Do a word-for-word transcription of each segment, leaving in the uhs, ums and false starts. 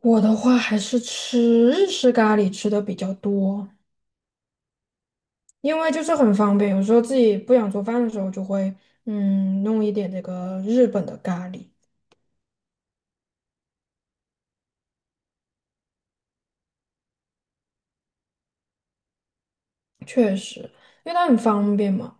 我的话还是吃日式咖喱吃的比较多，因为就是很方便，有时候自己不想做饭的时候就会嗯弄一点这个日本的咖喱。确实，因为它很方便嘛。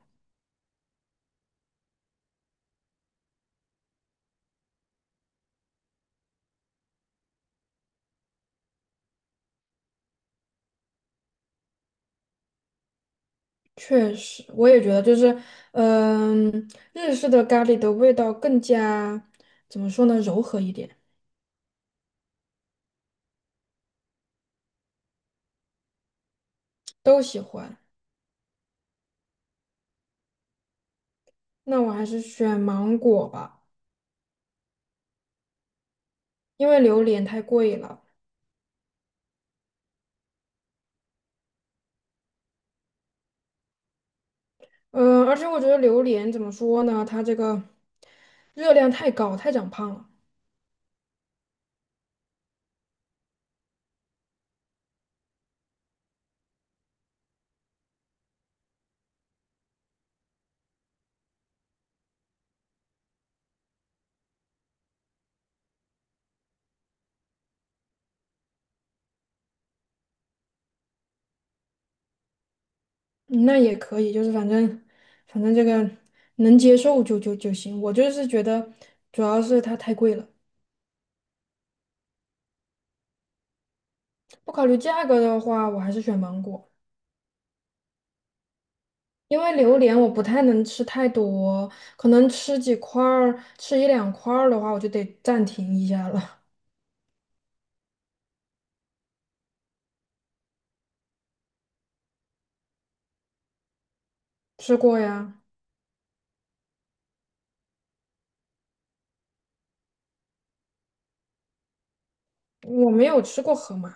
确实，我也觉得就是，嗯，日式的咖喱的味道更加怎么说呢，柔和一点。都喜欢。那我还是选芒果吧，因为榴莲太贵了。嗯，而且我觉得榴莲怎么说呢，它这个热量太高，太长胖了。嗯那也可以，就是反正反正这个能接受就就就行。我就是觉得主要是它太贵了，不考虑价格的话，我还是选芒果，因为榴莲我不太能吃太多，可能吃几块儿，吃一两块儿的话，我就得暂停一下了。吃过呀，我没有吃过河马。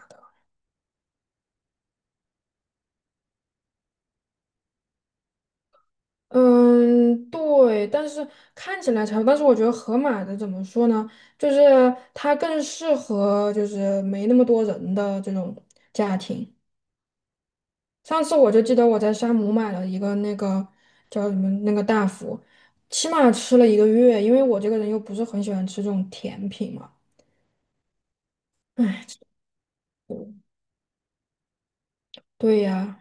嗯，对，但是看起来差不多。但是我觉得盒马的怎么说呢？就是它更适合就是没那么多人的这种家庭。上次我就记得我在山姆买了一个那个叫什么那个大福，起码吃了一个月，因为我这个人又不是很喜欢吃这种甜品嘛。唉，对呀。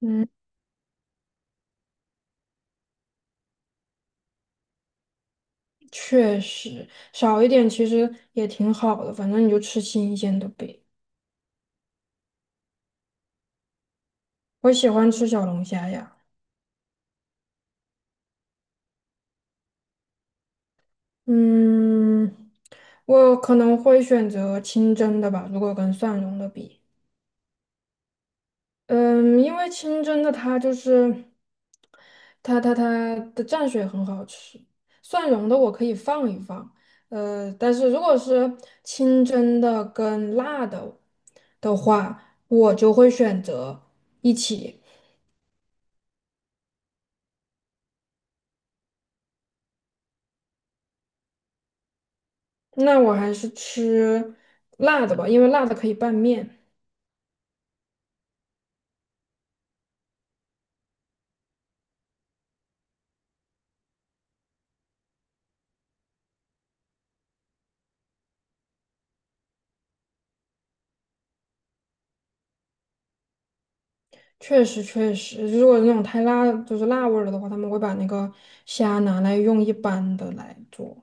嗯，确实少一点其实也挺好的，反正你就吃新鲜的呗。我喜欢吃小龙虾呀。嗯，我可能会选择清蒸的吧，如果跟蒜蓉的比。嗯，因为清蒸的它就是它它它的蘸水很好吃，蒜蓉的我可以放一放。呃，但是如果是清蒸的跟辣的的话，我就会选择一起。那我还是吃辣的吧，因为辣的可以拌面。确实确实，如果那种太辣，就是辣味儿了的话，他们会把那个虾拿来用一般的来做。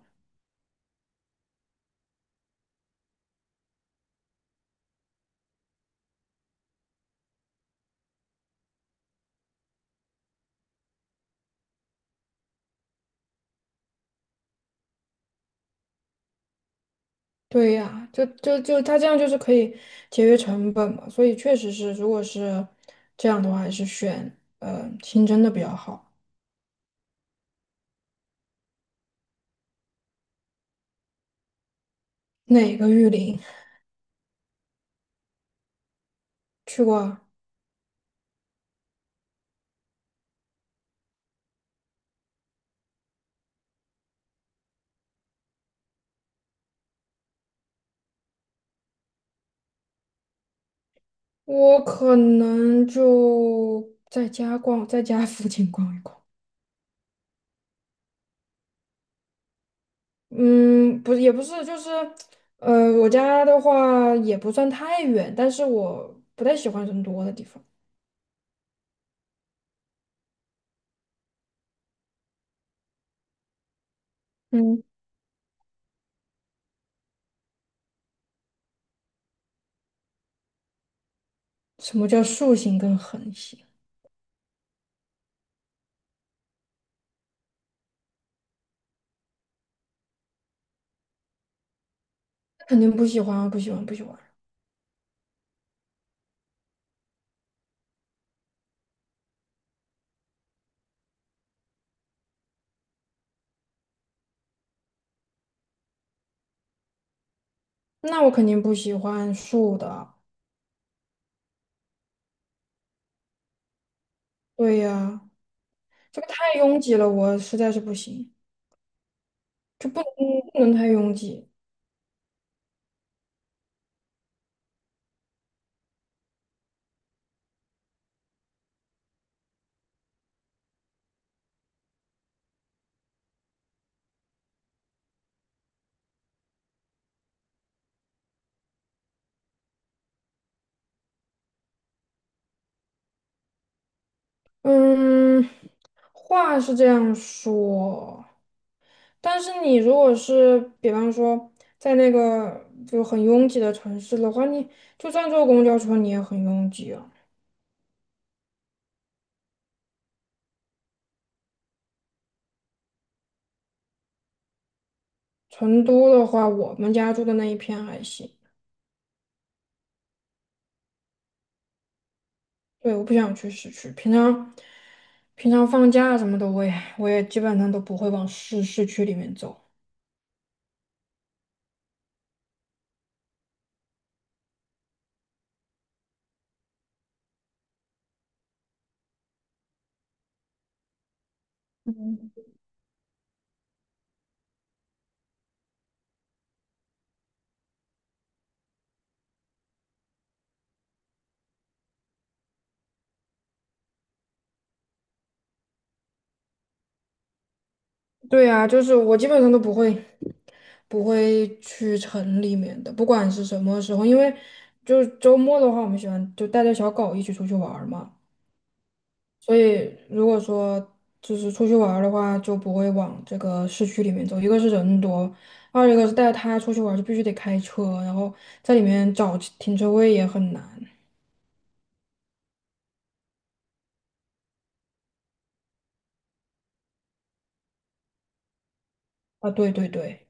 对呀，就就就他这样就是可以节约成本嘛，所以确实是，如果是这样的话，还是选呃清蒸的比较好。哪个玉林？去过啊。我可能就在家逛，在家附近逛一逛。嗯，不也不是，就是，呃，我家的话也不算太远，但是我不太喜欢人多的地方。嗯，什么叫竖形跟横形？肯定不喜欢啊，不喜欢，不喜欢。那我肯定不喜欢竖的。对呀，这个太拥挤了，我实在是不行，就不能不能太拥挤。嗯，话是这样说。但是你如果是比方说在那个就很拥挤的城市的话，你就算坐公交车你也很拥挤啊。成都的话，我们家住的那一片还行。对，我不想去市区，平常平常放假什么的，我也我也基本上都不会往市市区里面走。对啊，就是我基本上都不会不会去城里面的，不管是什么时候，因为就是周末的话，我们喜欢就带着小狗一起出去玩儿嘛。所以如果说就是出去玩儿的话，就不会往这个市区里面走，一个是人多，二一个是带他出去玩儿就必须得开车，然后在里面找停车位也很难啊。对对对。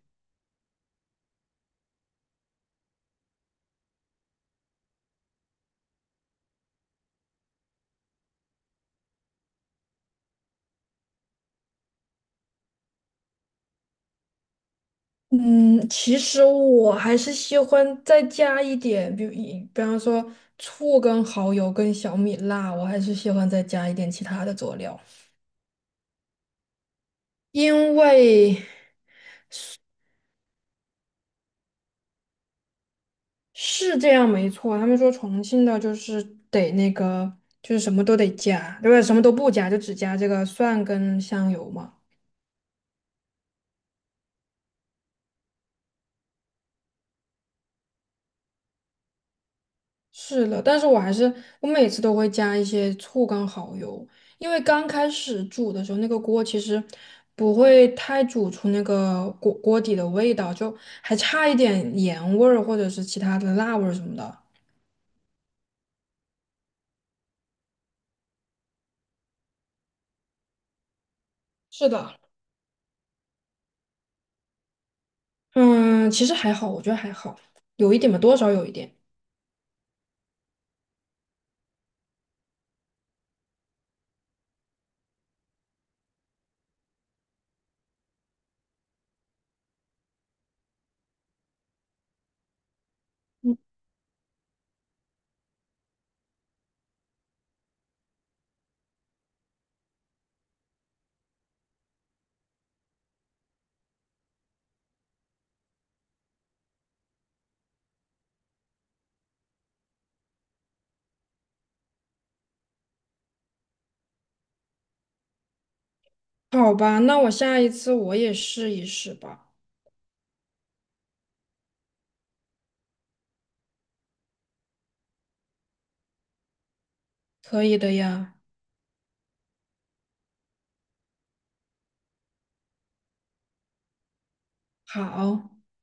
嗯，其实我还是喜欢再加一点，比如比方说醋跟蚝油跟小米辣，我还是喜欢再加一点其他的佐料，因为是这样，没错。他们说重庆的就是得那个，就是什么都得加，对吧？什么都不加，就只加这个蒜跟香油嘛。是的，但是我还是我每次都会加一些醋跟蚝油，因为刚开始煮的时候，那个锅其实不会太煮出那个锅锅底的味道，就还差一点盐味儿或者是其他的辣味儿什么的。是的。嗯，其实还好，我觉得还好，有一点吧，多少有一点。好吧，那我下一次我也试一试吧。可以的呀。好。